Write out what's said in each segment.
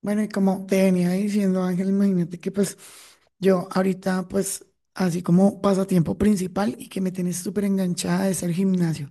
Bueno, y como te venía diciendo, Ángel, imagínate que pues yo ahorita pues así como pasatiempo principal y que me tienes súper enganchada es el gimnasio.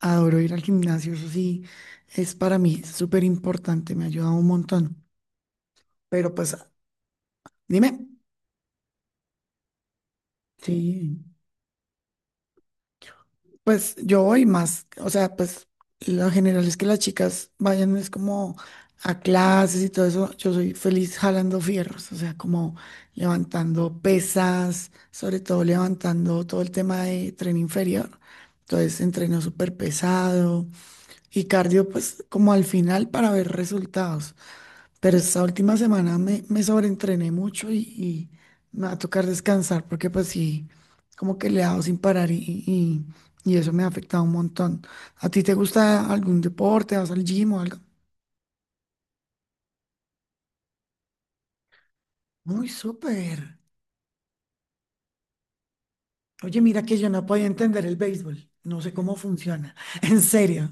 Adoro ir al gimnasio, eso sí, es para mí súper importante, me ha ayudado un montón. Pero pues dime. Sí. Pues yo voy más, o sea, pues lo general es que las chicas vayan, es como a clases y todo eso. Yo soy feliz jalando fierros, o sea, como levantando pesas, sobre todo levantando todo el tema de tren inferior. Entonces, entreno súper pesado y cardio, pues como al final para ver resultados. Pero esta última semana me sobreentrené mucho y me va a tocar descansar porque pues sí, como que le he dado sin parar y, y eso me ha afectado un montón. ¿A ti te gusta algún deporte? ¿Vas al gym o algo? Muy súper. Oye, mira que yo no podía entender el béisbol. No sé cómo funciona. En serio.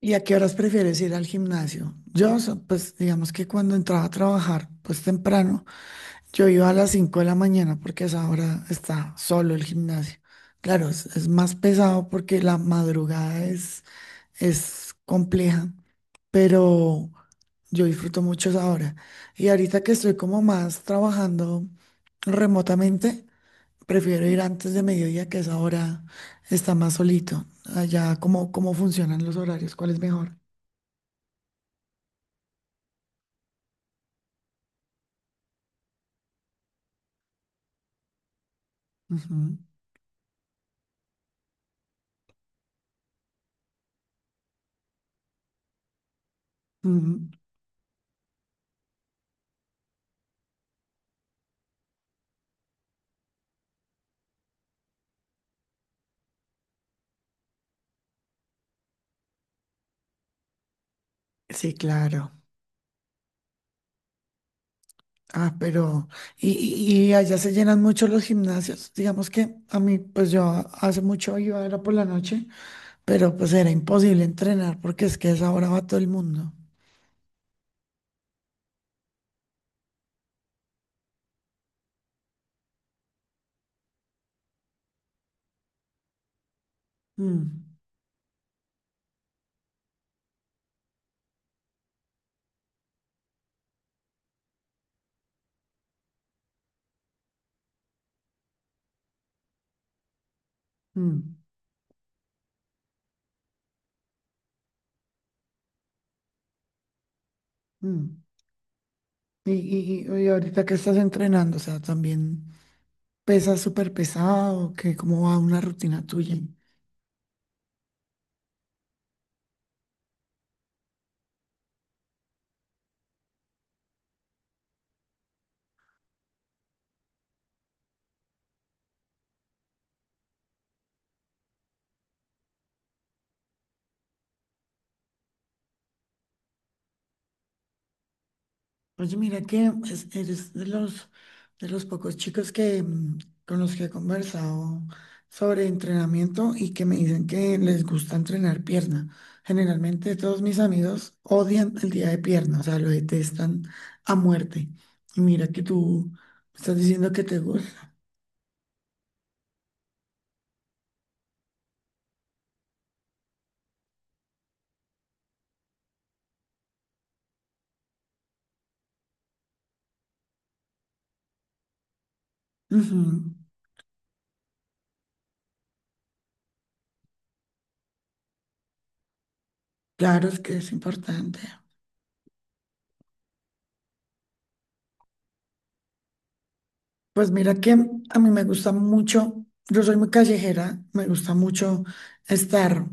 ¿Y a qué horas prefieres ir al gimnasio? Yo, pues digamos que cuando entraba a trabajar, pues temprano. Yo iba a las 5 de la mañana porque a esa hora está solo el gimnasio. Claro, es más pesado porque la madrugada es compleja, pero yo disfruto mucho esa hora. Y ahorita que estoy como más trabajando remotamente, prefiero ir antes de mediodía, que esa hora está más solito. Allá, ¿cómo funcionan los horarios? ¿Cuál es mejor? Ujú, ujú. Sí, claro. Ah, pero, y allá se llenan mucho los gimnasios. Digamos que a mí, pues yo hace mucho iba, era por la noche, pero pues era imposible entrenar porque es que a esa hora va todo el mundo. Mm, mm, mm. Y ahorita que estás entrenando, o sea, también pesas súper pesado, que cómo va una rutina tuya. Oye, mira que eres de los pocos chicos que, con los que he conversado sobre entrenamiento y que me dicen que les gusta entrenar pierna. Generalmente todos mis amigos odian el día de pierna, o sea, lo detestan a muerte. Y mira que tú estás diciendo que te gusta. Ujú. Claro, es que es importante. Pues mira que a mí me gusta mucho, yo soy muy callejera, me gusta mucho estar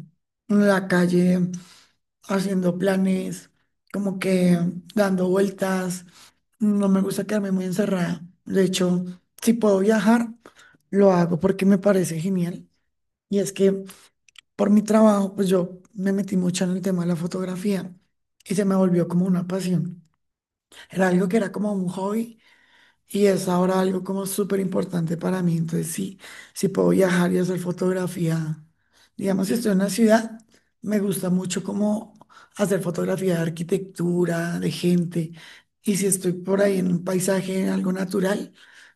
en la calle haciendo planes, como que dando vueltas. No me gusta quedarme muy encerrada. De hecho, si puedo viajar, lo hago porque me parece genial. Y es que por mi trabajo, pues yo me metí mucho en el tema de la fotografía y se me volvió como una pasión. Era algo que era como un hobby y es ahora algo como súper importante para mí. Entonces, sí, si puedo viajar y hacer fotografía, digamos, si estoy en una ciudad, me gusta mucho como hacer fotografía de arquitectura, de gente. Y si estoy por ahí en un paisaje, en algo natural,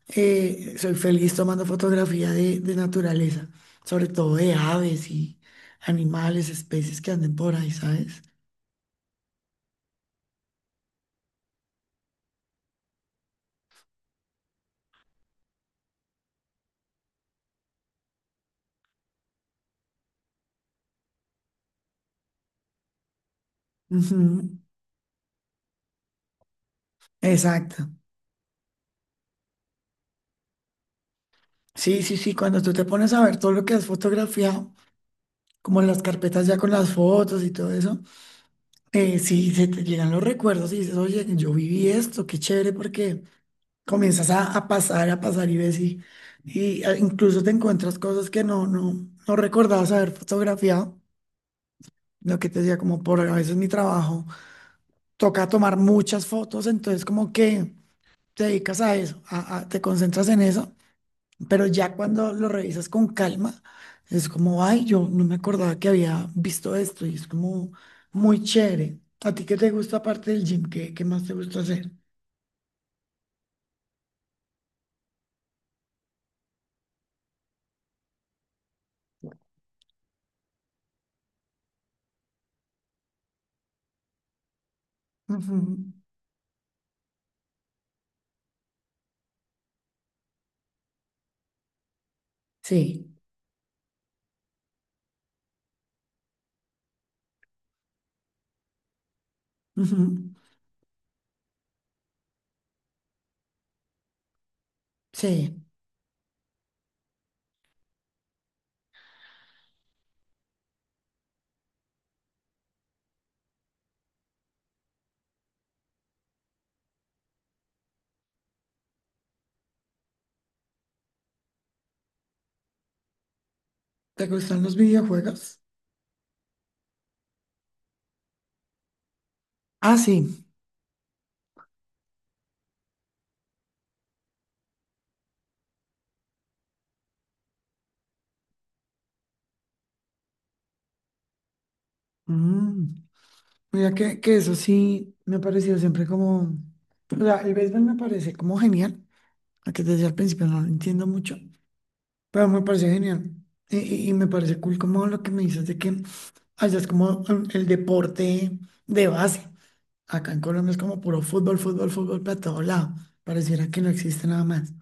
soy feliz tomando fotografía de naturaleza, sobre todo de aves y animales, especies que anden por ahí, ¿sabes? Ujú. Exacto. Sí, sí, sí, cuando tú te pones a ver todo lo que has fotografiado, como las carpetas ya con las fotos y todo eso, sí, se te llegan los recuerdos y dices, oye, yo viví esto, qué chévere, porque comienzas a pasar, a pasar y ves y incluso te encuentras cosas que no recordabas haber fotografiado. Lo que te decía, como por a veces mi trabajo, toca tomar muchas fotos, entonces como que te dedicas a eso, te concentras en eso. Pero ya cuando lo revisas con calma, es como, ay, yo no me acordaba que había visto esto y es como muy chévere. ¿A ti qué te gusta aparte del gym? ¿Qué, qué más te gusta hacer? Ujú. Sí, ujú. Sí. ¿Te gustan los videojuegos? Ah, sí. Mm. Mira que eso sí me ha parecido siempre como... O sea, el béisbol me parece como genial, aunque desde el principio no lo entiendo mucho, pero me parece genial. Y me parece cool como lo que me dices de que allá es como mm, el deporte de base. Acá en Colombia es como puro fútbol, fútbol, fútbol para todo lado. Pareciera que no existe nada más.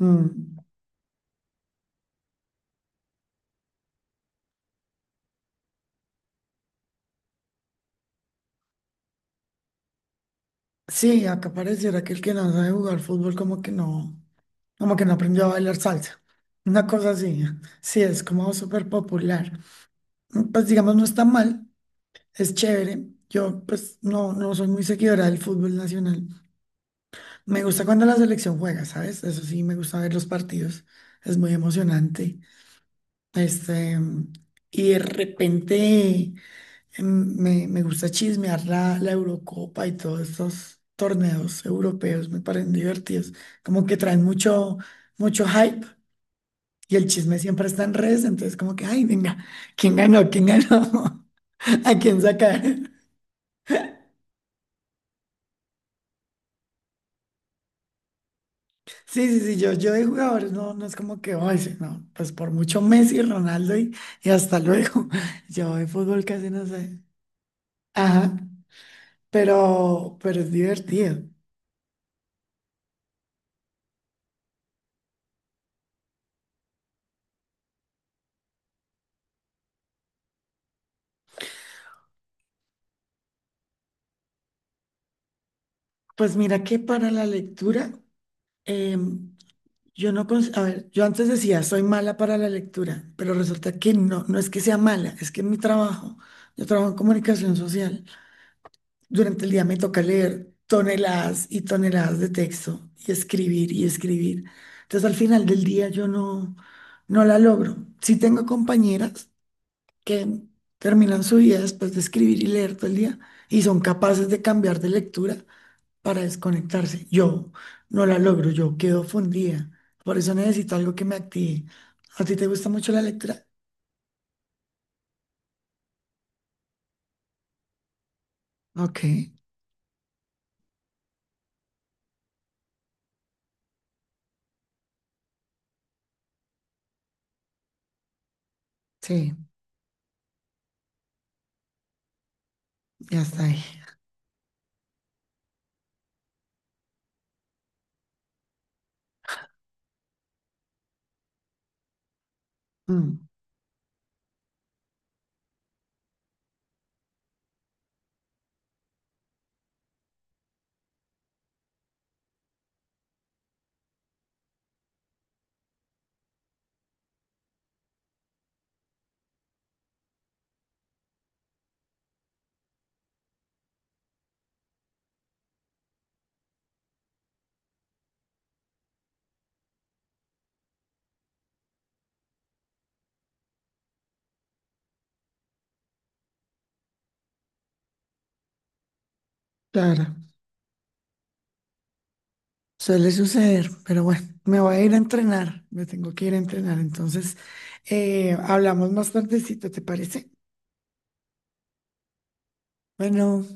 Mm. Sí, acá pareciera que el que no sabe jugar fútbol como que no aprendió a bailar salsa. Una cosa así. Sí, es como súper popular. Mm. Pues digamos, no está mal, es chévere. Yo pues no, no soy muy seguidora del fútbol nacional. Me gusta cuando la selección juega, ¿sabes? Eso sí, me gusta ver los partidos. Es muy emocionante. Este, y de repente me gusta chismear la Eurocopa y todos estos torneos europeos. Me parecen divertidos. Como que traen mucho, mucho hype y el chisme siempre está en redes. Entonces, como que, ay, venga, ¿quién ganó? ¿Quién ganó? ¿A quién sacar? Sí, sí, sí, yo de jugadores no, no es como que, "Ay, sí, no, pues por mucho Messi, Ronaldo y hasta luego." Yo de fútbol casi no sé. Ajá, pero es divertido. Pues mira que para la lectura, em, yo no, a ver, yo antes decía, soy mala para la lectura, pero resulta que no, no es que sea mala, es que en mi trabajo, yo trabajo en comunicación social. Durante el día me toca leer toneladas y toneladas de texto y escribir y escribir. Entonces al final del día yo no, no la logro. Sí tengo compañeras que terminan su vida después de escribir y leer todo el día y son capaces de cambiar de lectura para desconectarse. Yo no la logro, yo quedo fundida. Por eso necesito algo que me active. ¿A ti te gusta mucho la lectura? Ok, sí, ya está ahí. Mm, claro. Suele suceder, pero bueno, me voy a ir a entrenar, me tengo que ir a entrenar, entonces hablamos más tardecito, ¿te parece? Bueno.